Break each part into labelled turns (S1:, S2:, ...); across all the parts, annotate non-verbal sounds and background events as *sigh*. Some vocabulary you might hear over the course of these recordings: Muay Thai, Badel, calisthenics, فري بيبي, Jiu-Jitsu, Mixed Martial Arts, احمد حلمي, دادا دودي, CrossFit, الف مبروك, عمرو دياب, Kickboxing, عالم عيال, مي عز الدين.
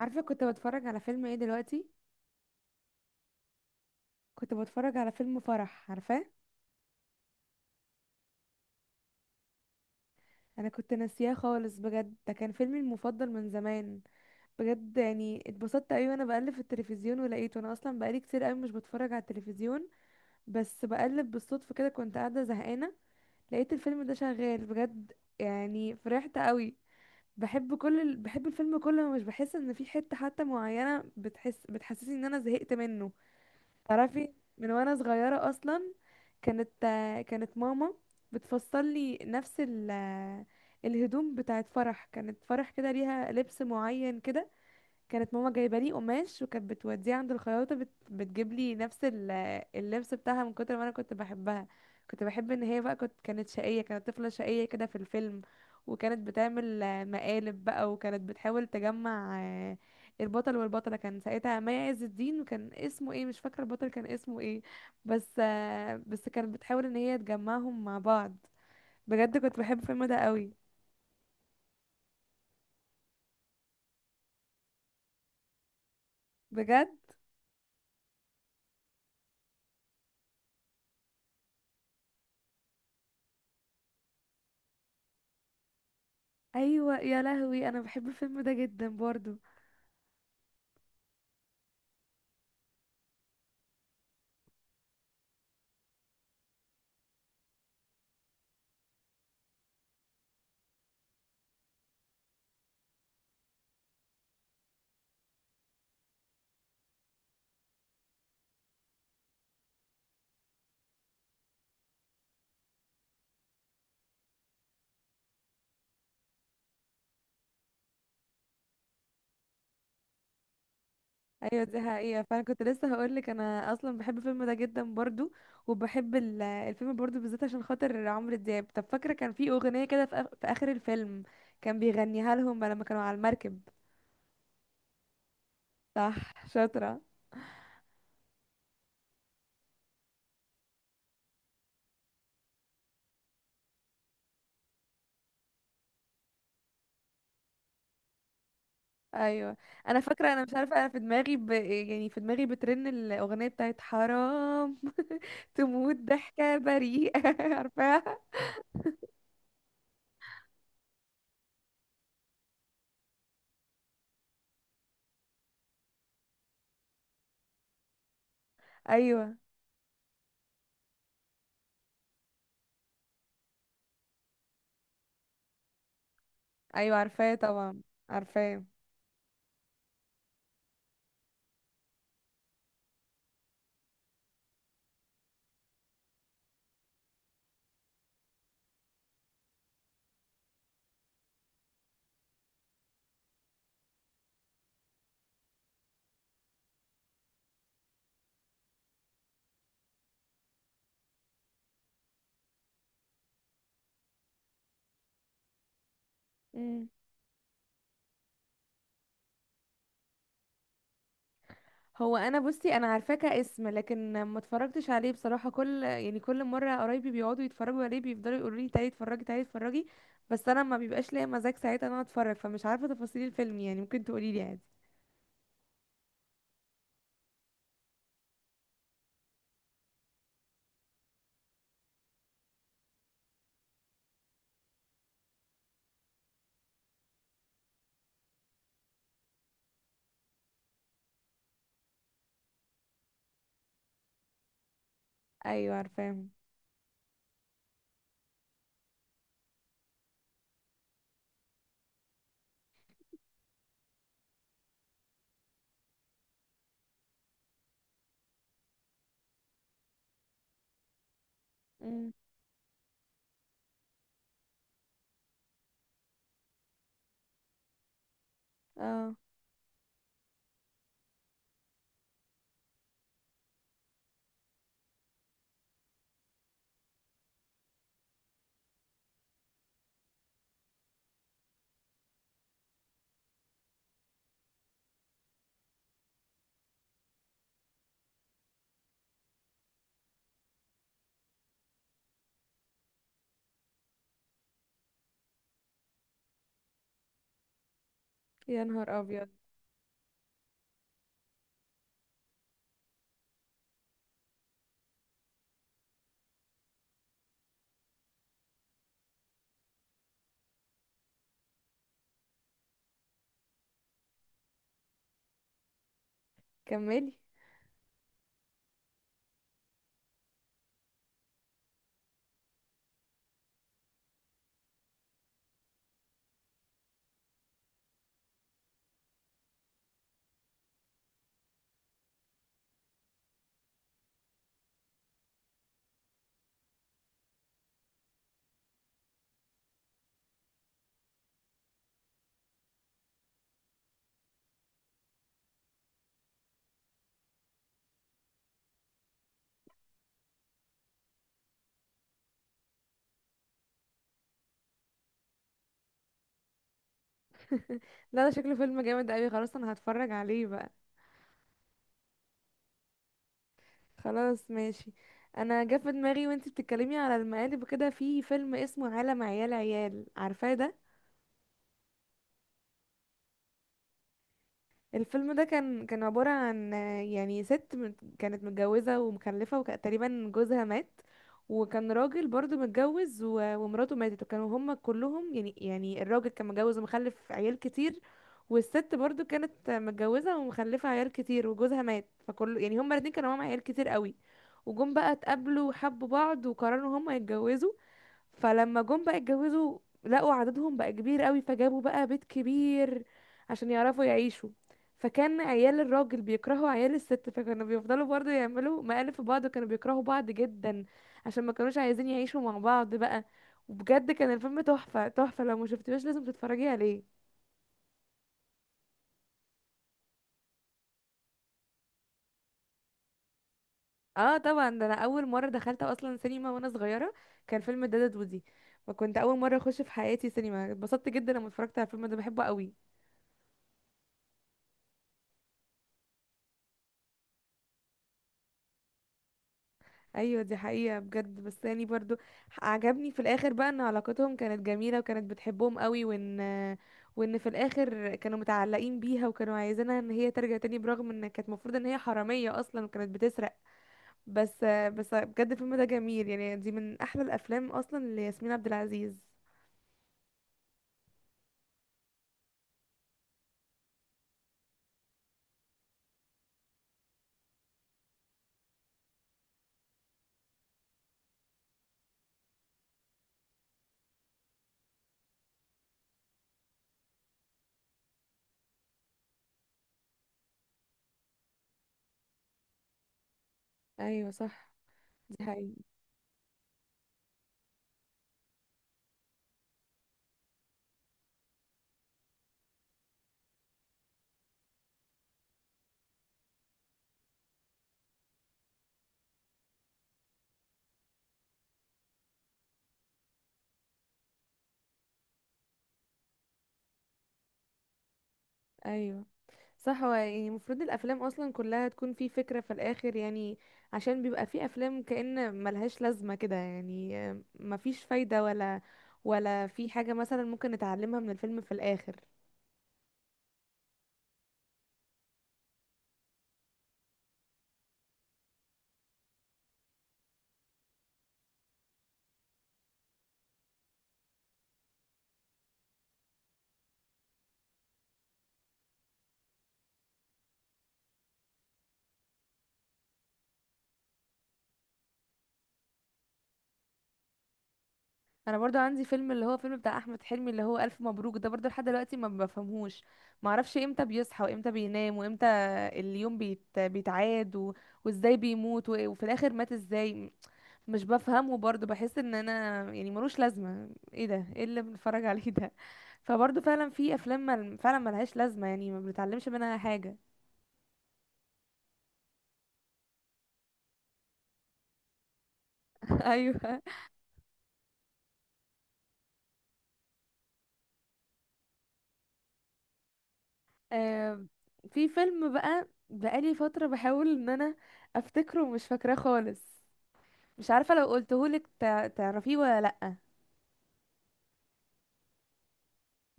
S1: عارفه كنت بتفرج على فيلم ايه دلوقتي؟ كنت بتفرج على فيلم فرح، عارفاه. انا كنت ناسياه خالص، بجد. ده كان فيلمي المفضل من زمان. بجد يعني اتبسطت قوي وانا بقلب في التلفزيون ولقيته. انا اصلا بقالي كتير قوي مش بتفرج على التلفزيون، بس بقلب بالصدفه كده، كنت قاعده زهقانه، لقيت الفيلم ده شغال، بجد يعني فرحت قوي. بحب كل بحب الفيلم كله، مش بحس ان في حته حتى معينه بتحس بتحسسني ان انا زهقت منه. تعرفي، من وانا صغيرة اصلا كانت كانت ماما بتفصل لي نفس الهدوم بتاعت فرح. كانت فرح كده ليها لبس معين كده، كانت ماما جايبه لي قماش وكانت بتوديه عند الخياطه بتجيب لي نفس اللبس بتاعها من كتر ما انا كنت بحبها. كنت بحب ان هي بقى كنت كانت شقيه، كانت طفله شقيه كده في الفيلم، وكانت بتعمل مقالب بقى، وكانت بتحاول تجمع البطل والبطله. كان ساعتها مي عز الدين، وكان اسمه ايه مش فاكره، البطل كان اسمه ايه. بس بس كانت بتحاول ان هي تجمعهم مع بعض. بجد كنت بحب الفيلم ده قوي. بجد. ايوه يا لهوي، انا بحب الفيلم ده جدا برضو. ايوه دي حقيقة، فانا كنت لسه هقولك انا اصلا بحب الفيلم ده جدا برضو. وبحب الفيلم برضو بالذات عشان خاطر عمرو دياب. طب فاكرة كان في اغنية كده في، في اخر الفيلم كان بيغنيها لهم لما كانوا على المركب؟ صح، شاطرة. ايوه، انا فاكرة. انا مش عارفة، انا في دماغي يعني في دماغي بترن الاغنية بتاعت حرام *laughs* تموت ضحكة بريئة. *laughs* عارفاها؟ ايوه. ايوه عارفاه طبعا. عارفاه. هو انا بصي، انا عارفاه كاسم لكن ما اتفرجتش عليه بصراحه. كل يعني كل مره قرايبي بيقعدوا يتفرجوا عليه بيفضلوا يقولوا لي تعالي اتفرجي تعالي اتفرجي، بس انا ما بيبقاش ليا مزاج ساعتها ان انا اتفرج، فمش عارفه تفاصيل الفيلم. يعني ممكن تقولي لي عادي. ايوه عارفاهم. امم. اه. يا نهار ابيض. كملي. لا ده شكله فيلم جامد قوي، خلاص انا هتفرج عليه بقى. خلاص ماشي. انا جه في دماغي وانتي بتتكلمي على المقالب كده، في فيلم اسمه عالم عيال عيال، عارفاه ده؟ الفيلم ده كان كان عبارة عن يعني ست كانت متجوزة ومخلفة، وتقريبا جوزها مات. وكان راجل برضو متجوز ومراته ماتت، وكانوا هما كلهم يعني يعني الراجل كان متجوز ومخلف عيال كتير، والست برضو كانت متجوزة ومخلفة عيال كتير وجوزها مات، فكل يعني هما الاتنين كانوا معاهم عيال كتير قوي. وجم بقى اتقابلوا وحبوا بعض وقرروا هما يتجوزوا. فلما جم بقى اتجوزوا لقوا عددهم بقى كبير قوي، فجابوا بقى بيت كبير عشان يعرفوا يعيشوا. فكان عيال الراجل بيكرهوا عيال الست، فكانوا بيفضلوا برضه يعملوا مقالب في بعض، وكانوا بيكرهوا بعض جدا عشان ما كانوش عايزين يعيشوا مع بعض بقى. وبجد كان الفيلم تحفة تحفة، لو ما شفتيهوش لازم تتفرجي عليه. اه طبعا، ده انا اول مرة دخلت اصلا سينما وانا صغيرة كان فيلم دادا دودي، وكنت اول مرة اخش في حياتي سينما، اتبسطت جدا لما اتفرجت على الفيلم ده، بحبه قوي. ايوه دي حقيقة بجد، بس يعني برضو عجبني في الاخر بقى ان علاقتهم كانت جميلة وكانت بتحبهم قوي، وان في الاخر كانوا متعلقين بيها وكانوا عايزينها ان هي ترجع تاني، برغم ان كانت المفروض ان هي حرامية اصلا وكانت بتسرق. بس بس بجد الفيلم ده جميل، يعني دي من احلى الافلام اصلا لياسمين عبد العزيز. ايوه صح. دي حقيقة. ايوه صح. هو يعني المفروض الافلام اصلا كلها تكون في فكره في الاخر، يعني عشان بيبقى في افلام كأن ملهاش لازمه كده، يعني مفيش فايده، ولا ولا في حاجه مثلا ممكن نتعلمها من الفيلم في الاخر. انا برضو عندي فيلم، اللي هو فيلم بتاع احمد حلمي اللي هو الف مبروك، ده برضو لحد دلوقتي ما بفهمهوش، ما اعرفش امتى بيصحى وامتى بينام وامتى اليوم بيتعاد، وازاي بيموت، وفي الاخر مات ازاي. مش بفهمه برضه، بحس ان انا يعني ملوش لازمه. ايه ده؟ ايه اللي بنتفرج عليه ده. فبرضه فعلا في افلام فعلا ملهاش لازمه، يعني ما بنتعلمش منها حاجه. *laughs* ايوه. آه. في فيلم بقى بقالي فتره بحاول ان انا افتكره ومش فاكراه خالص. مش عارفه لو قلتهولك تعرفيه ولا لا.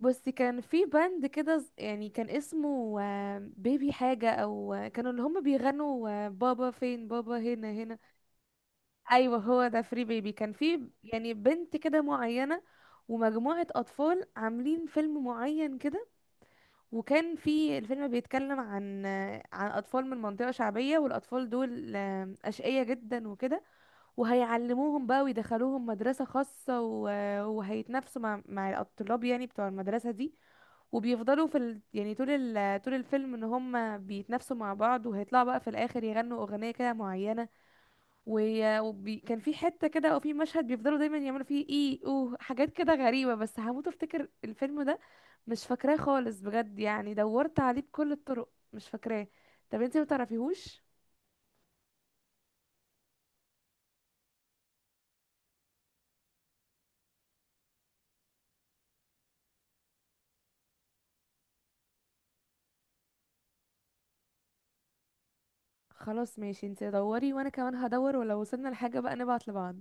S1: بس كان في باند كده يعني كان اسمه بيبي حاجه او كانوا اللي هم بيغنوا بابا فين بابا هنا هنا. ايوه هو ده فري بيبي. كان في يعني بنت كده معينه، ومجموعه اطفال عاملين فيلم معين كده. وكان في الفيلم بيتكلم عن اطفال من منطقه شعبيه، والاطفال دول اشقياء جدا وكده، وهيعلموهم بقى ويدخلوهم مدرسه خاصه وهيتنافسوا مع الطلاب يعني بتوع المدرسه دي. وبيفضلوا في يعني طول طول الفيلم ان هم بيتنافسوا مع بعض، وهيطلعوا بقى في الاخر يغنوا اغنيه كده معينه. وكان في حتة كده او في مشهد بيفضلوا دايما يعملوا فيه ايه، اوه، حاجات كده غريبة. بس هموت افتكر الفيلم ده، مش فاكراه خالص بجد، يعني دورت عليه بكل الطرق مش فاكراه. طب انتي متعرفيهوش؟ خلاص ماشي، انتي دوري وانا كمان هدور، ولو وصلنا لحاجة بقى نبعت لبعض.